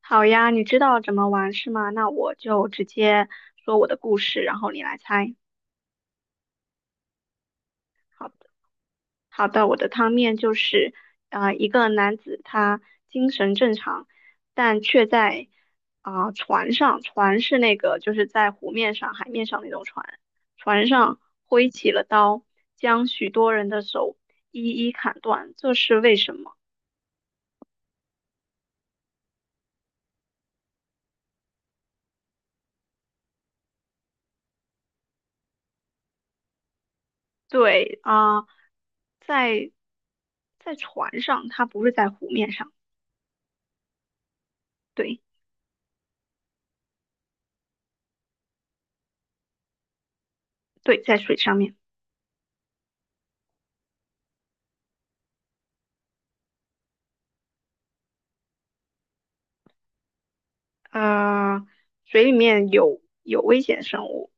好呀，你知道怎么玩是吗？那我就直接说我的故事，然后你来猜。好的，好的，我的汤面就是，一个男子他精神正常，但却在船上，船是那个就是在湖面上、海面上那种船，船上挥起了刀，将许多人的手一一砍断，这是为什么？对啊、在在船上，他不是在湖面上，对。对，在水上面，呃，水里面有危险生物，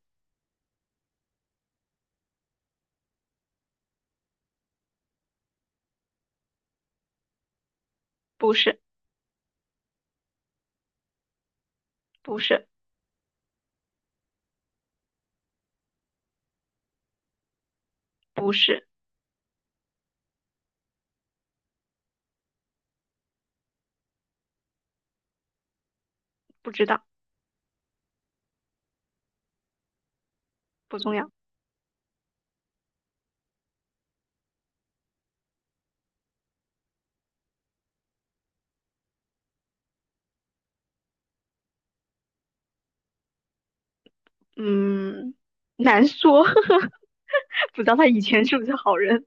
不是，不是，不是，不知道，不重要，嗯，难说，不知道他以前是不是好人，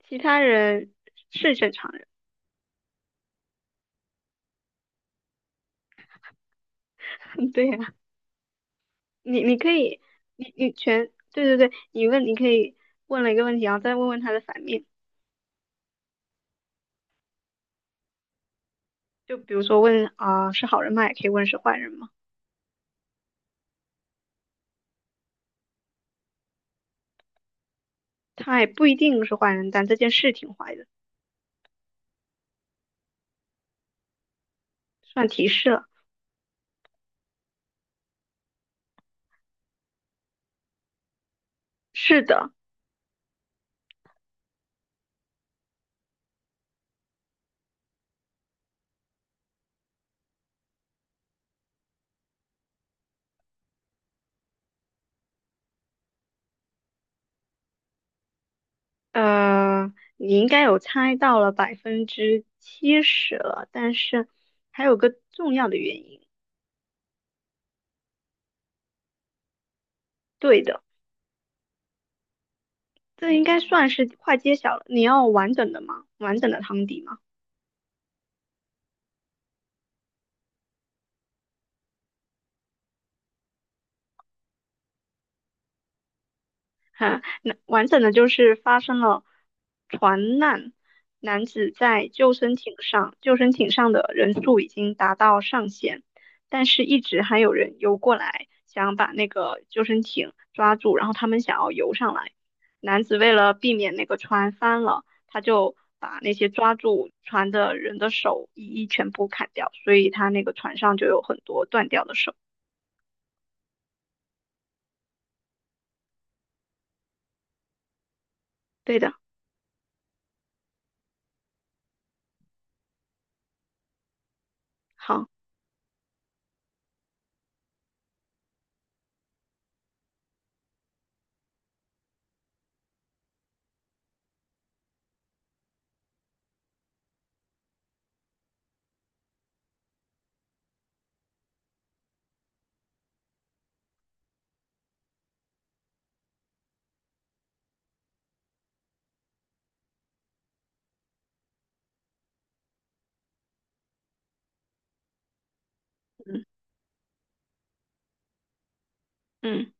其他人是正常人，对呀、你可以，你你全，对对对，你问你可以问了一个问题，然后再问问他的反面，就比如说问啊、是好人吗？也可以问是坏人吗？他也不一定是坏人，但这件事挺坏的，算提示了，是的。你应该有猜到了70%了，但是还有个重要的原因。对的，这应该算是快揭晓了。你要完整的吗？完整的汤底吗？哈，那完整的就是发生了船难，男子在救生艇上，救生艇上的人数已经达到上限，但是一直还有人游过来，想把那个救生艇抓住，然后他们想要游上来。男子为了避免那个船翻了，他就把那些抓住船的人的手一一全部砍掉，所以他那个船上就有很多断掉的手。对的，好，嗯嗯。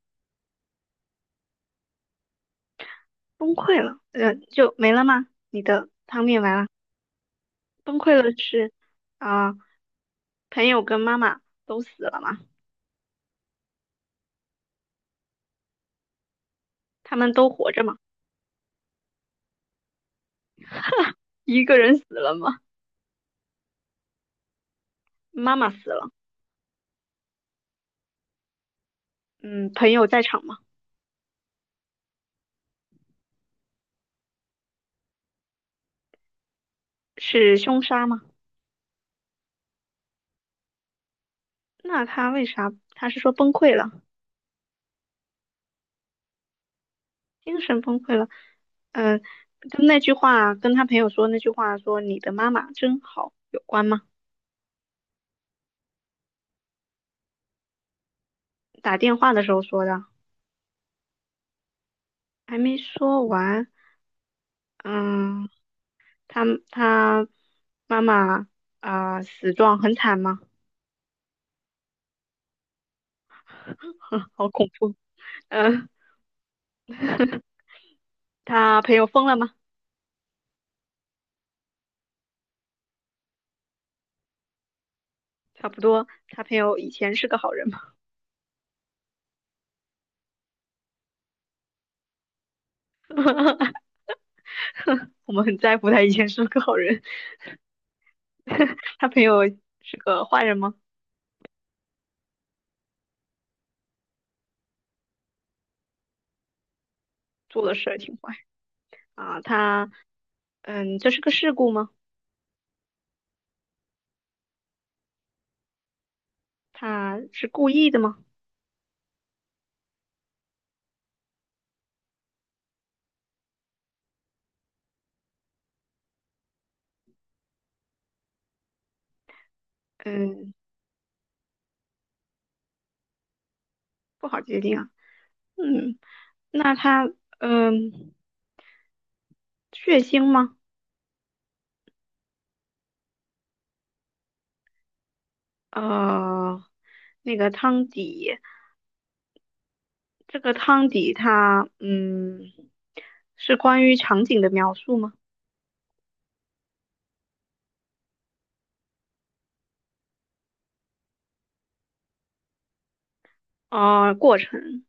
崩溃了，就没了吗？你的汤面完了，崩溃了是啊、朋友跟妈妈都死了吗？他们都活着吗？一个人死了吗？妈妈死了，嗯，朋友在场吗？是凶杀吗？那他为啥？他是说崩溃了，精神崩溃了，嗯、跟那句话，跟他朋友说那句话说你的妈妈真好有关吗？打电话的时候说的，还没说完，嗯。他他妈妈死状很惨吗？好恐怖。嗯、他朋友疯了吗？差不多，他朋友以前是个好人吗？我们很在乎他以前是个好人。他朋友是个坏人吗？做的事儿挺坏啊、他嗯，这是个事故吗？他是故意的吗？嗯，不好界定啊。嗯，那他嗯，血腥吗？呃，那个汤底。这个汤底它，嗯，是关于场景的描述吗？过程，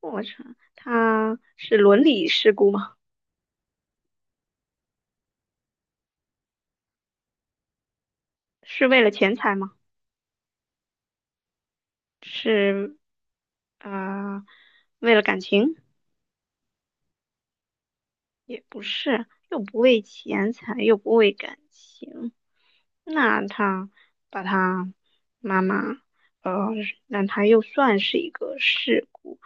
过程，它是伦理事故吗？是为了钱财吗？是呃，为了感情？也不是，又不为钱财，又不为感情。那他把他妈妈，呃，那他又算是一个事故，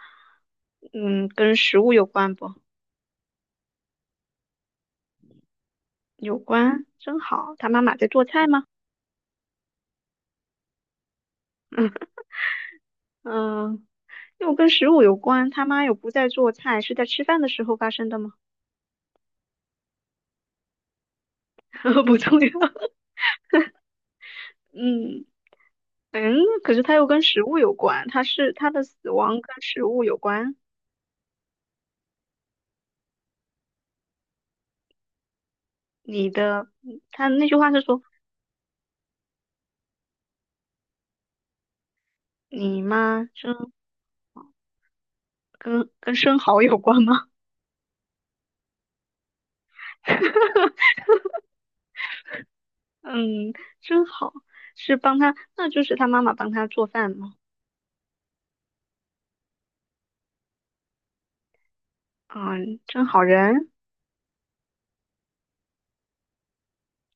嗯，跟食物有关不？有关，真好。他妈妈在做菜吗？嗯嗯，又跟食物有关，他妈又不在做菜，是在吃饭的时候发生的吗？不重要。嗯嗯，可是他又跟食物有关，他是他的死亡跟食物有关。你的，他那句话是说你妈生跟蚝有关吗？嗯，真好，是帮他，那就是他妈妈帮他做饭吗？嗯，真好人。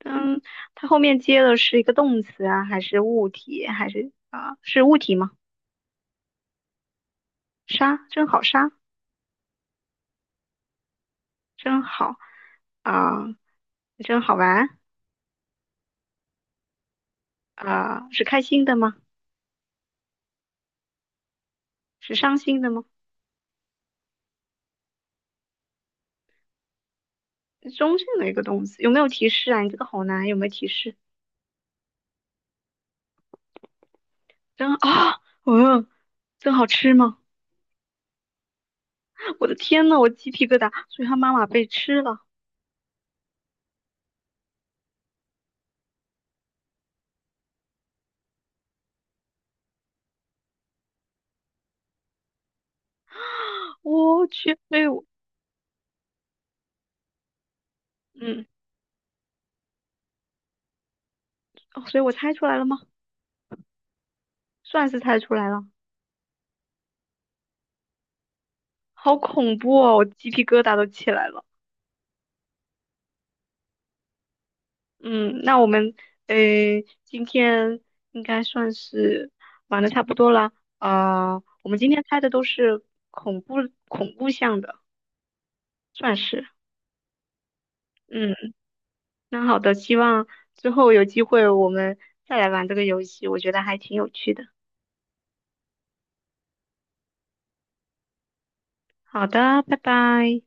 嗯，它后面接的是一个动词啊，还是物体，还是是物体吗？杀，真好杀，真好啊、真好玩是开心的吗？是伤心的吗？中性的一个动词，有没有提示啊？你这个好难，有没有提示？真啊，嗯，真好吃吗？我的天呐，我鸡皮疙瘩，所以他妈妈被吃了，我去，所以我嗯，哦所以我猜出来了吗？算是猜出来了，好恐怖哦，我鸡皮疙瘩都起来了。嗯，那我们呃，今天应该算是玩的差不多了。我们今天猜的都是恐怖恐怖向的，算是。嗯，那好的，希望之后有机会我们再来玩这个游戏，我觉得还挺有趣的。好的，拜拜。